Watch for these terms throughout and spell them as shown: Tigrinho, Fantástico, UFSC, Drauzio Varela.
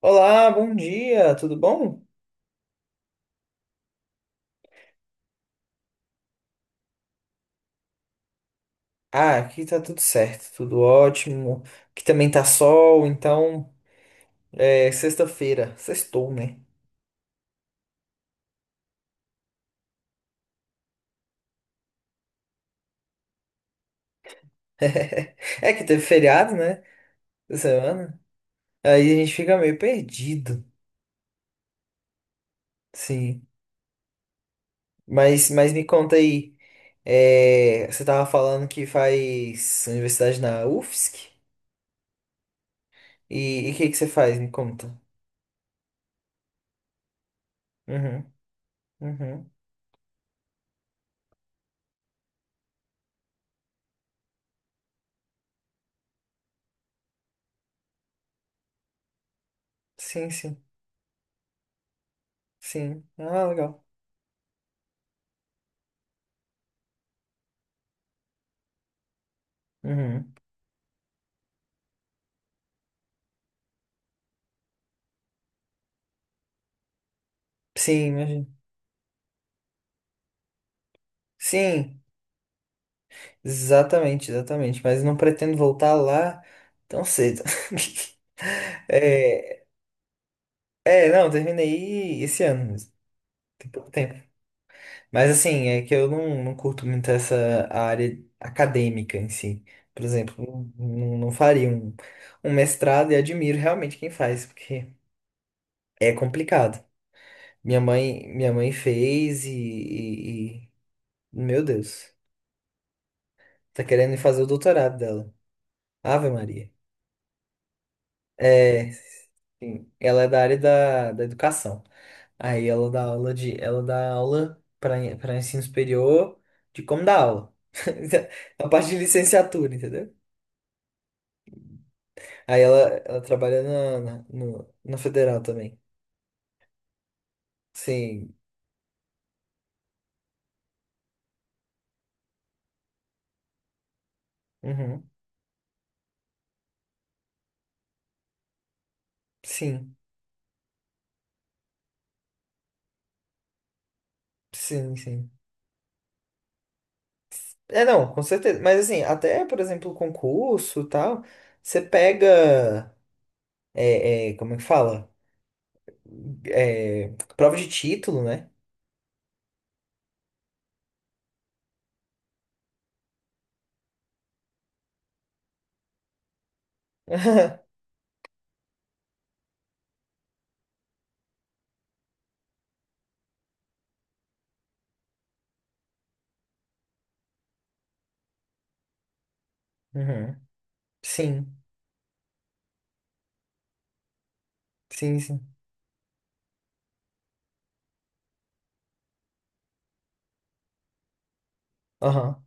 Olá, bom dia, tudo bom? Ah, aqui tá tudo certo, tudo ótimo. Aqui também tá sol, então é sexta-feira, sextou, né? É que teve feriado, né? Essa semana. Aí a gente fica meio perdido, sim. Mas me conta aí, você tava falando que faz universidade na UFSC? E o que que você faz? Me conta. Uhum, uhum. Sim, sim, sim. Ah, legal. Uhum. Sim, imagino. Sim. Exatamente, exatamente. Mas não pretendo voltar lá tão cedo. É, não, terminei esse ano mesmo. Tem pouco tempo. Mas assim, é que eu não curto muito essa área acadêmica em si. Por exemplo, não faria um, um mestrado e admiro realmente quem faz, porque é complicado. Minha mãe fez e meu Deus, tá querendo ir fazer o doutorado dela. Ave Maria. É, sim, ela é da área da, da educação. Aí ela dá aula de, ela dá aula para para ensino superior de como dar aula. A parte de licenciatura, entendeu? Aí ela trabalha na, na, no- na federal também. Sim. Uhum. Sim. Sim, sim. É, não, com certeza. Mas assim, até, por exemplo, concurso e tal, você pega. Como é que fala? É, prova de título, né? Uhum. Sim. Sim, sim. Aham.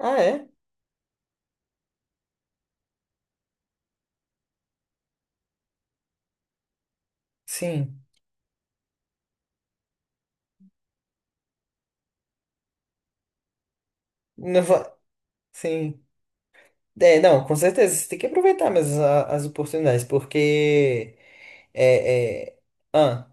Ah, é? Sim. Não va- Sim. É, não, com certeza. Você tem que aproveitar mesmo a- as oportunidades, porque. É, é... Ah,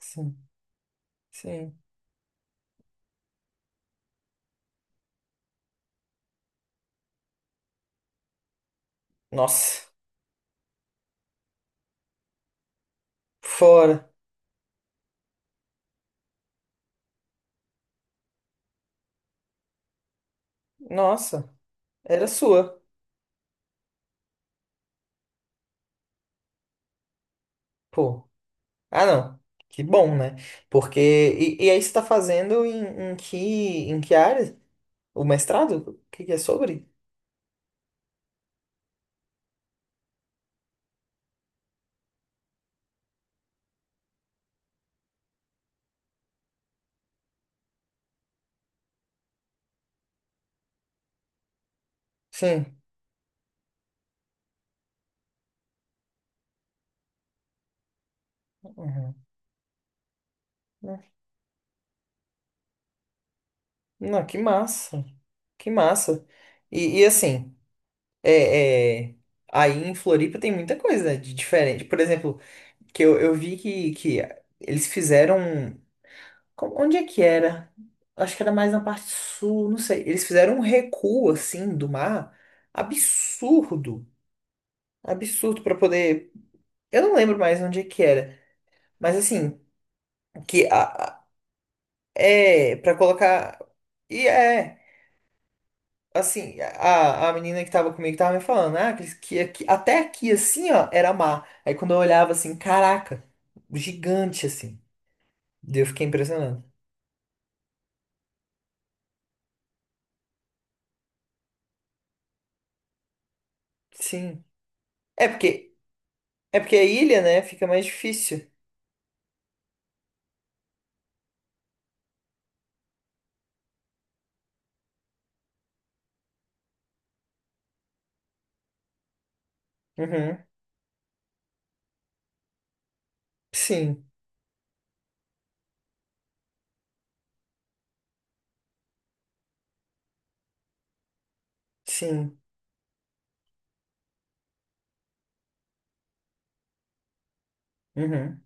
sim, sim. Nossa. Fora. Nossa. Era sua. Pô. Ah, não. Que bom, né? Porque. E aí você tá fazendo em, em que área? O mestrado? O que que é sobre? Sim. Uhum. Não, que massa. Que massa. E e assim. É, é, aí em Floripa tem muita coisa de diferente. Por exemplo, que eu vi que eles fizeram. Co- Onde é que era? Acho que era mais na parte sul, não sei. Eles fizeram um recuo assim do mar absurdo. Absurdo para poder. Eu não lembro mais onde é que era. Mas assim, que a- é para colocar. E é. Assim, a menina que tava comigo tava me falando, ah, que aqui- até aqui, assim, ó, era mar. Aí quando eu olhava assim, caraca, gigante, assim. Daí eu fiquei impressionado. Sim. É porque, é porque a ilha, né, fica mais difícil. Uhum. Sim, sim. Uhum.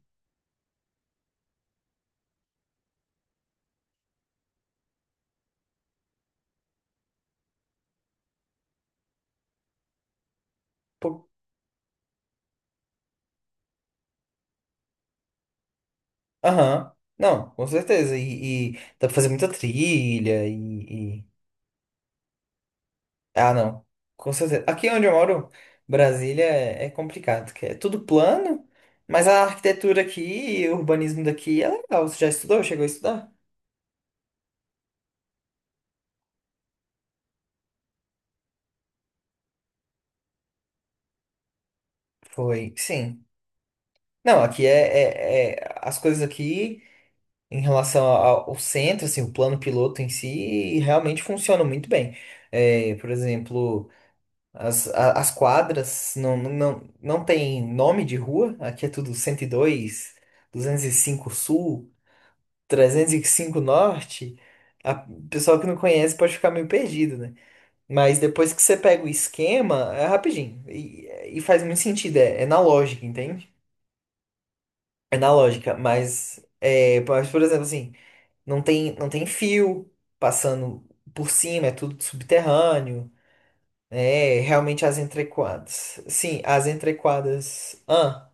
Pô, aham. Não, com certeza. E dá pra fazer muita trilha e, ah, não. Com certeza. Aqui onde eu moro, Brasília, é complicado, que é tudo plano, mas a arquitetura aqui e o urbanismo daqui é legal. Você já estudou? Chegou a estudar? Foi, sim. Não, aqui as coisas aqui em relação ao, ao centro, assim, o plano piloto em si, realmente funcionam muito bem. É, por exemplo, as quadras não tem nome de rua, aqui é tudo 102, 205 Sul. 305 Norte, a o pessoal que não conhece pode ficar meio perdido, né? Mas depois que você pega o esquema, é rapidinho. E faz muito sentido, é, é na lógica, entende? É na lógica, mas, é, mas, por exemplo, assim, não tem fio passando por cima, é tudo subterrâneo, né? Realmente as entrequadras. Sim, as entrequadras. Ah,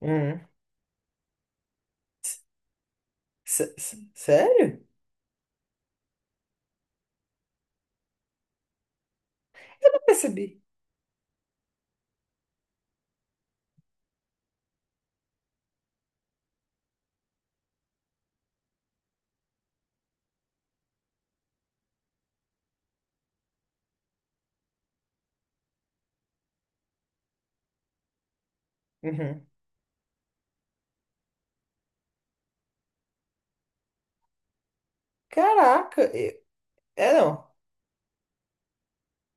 uhum. Sério? Eu não percebi. Uhum. Caraca, eu- é não.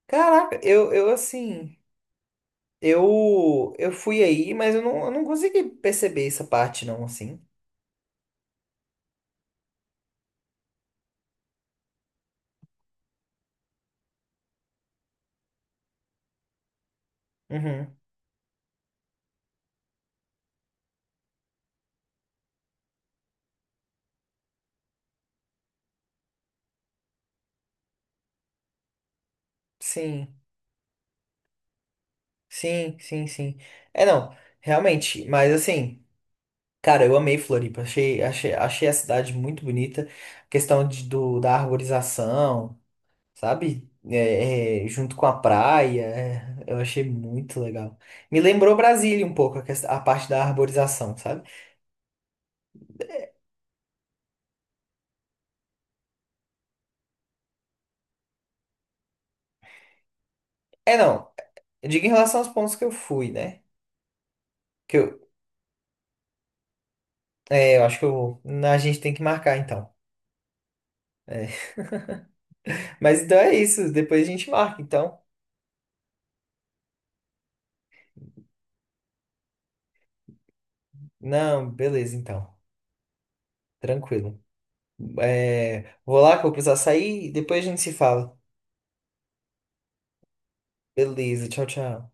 Caraca, eu fui aí, mas eu não consegui perceber essa parte não, assim. Uhum. Sim, sim, sim, sim. É não, realmente, mas assim, cara, eu amei Floripa, achei a cidade muito bonita, questão de, do, da arborização, sabe? É, é, junto com a praia, é, eu achei muito legal. Me lembrou Brasília um pouco, a, quest- a parte da arborização, sabe? É não, eu digo em relação aos pontos que eu fui, né? É, eu acho que a gente tem que marcar então. É. Mas então é isso, depois a gente marca então. Não, beleza então, tranquilo. É, vou lá que eu vou precisar sair e depois a gente se fala. Beleza, tchau, tchau.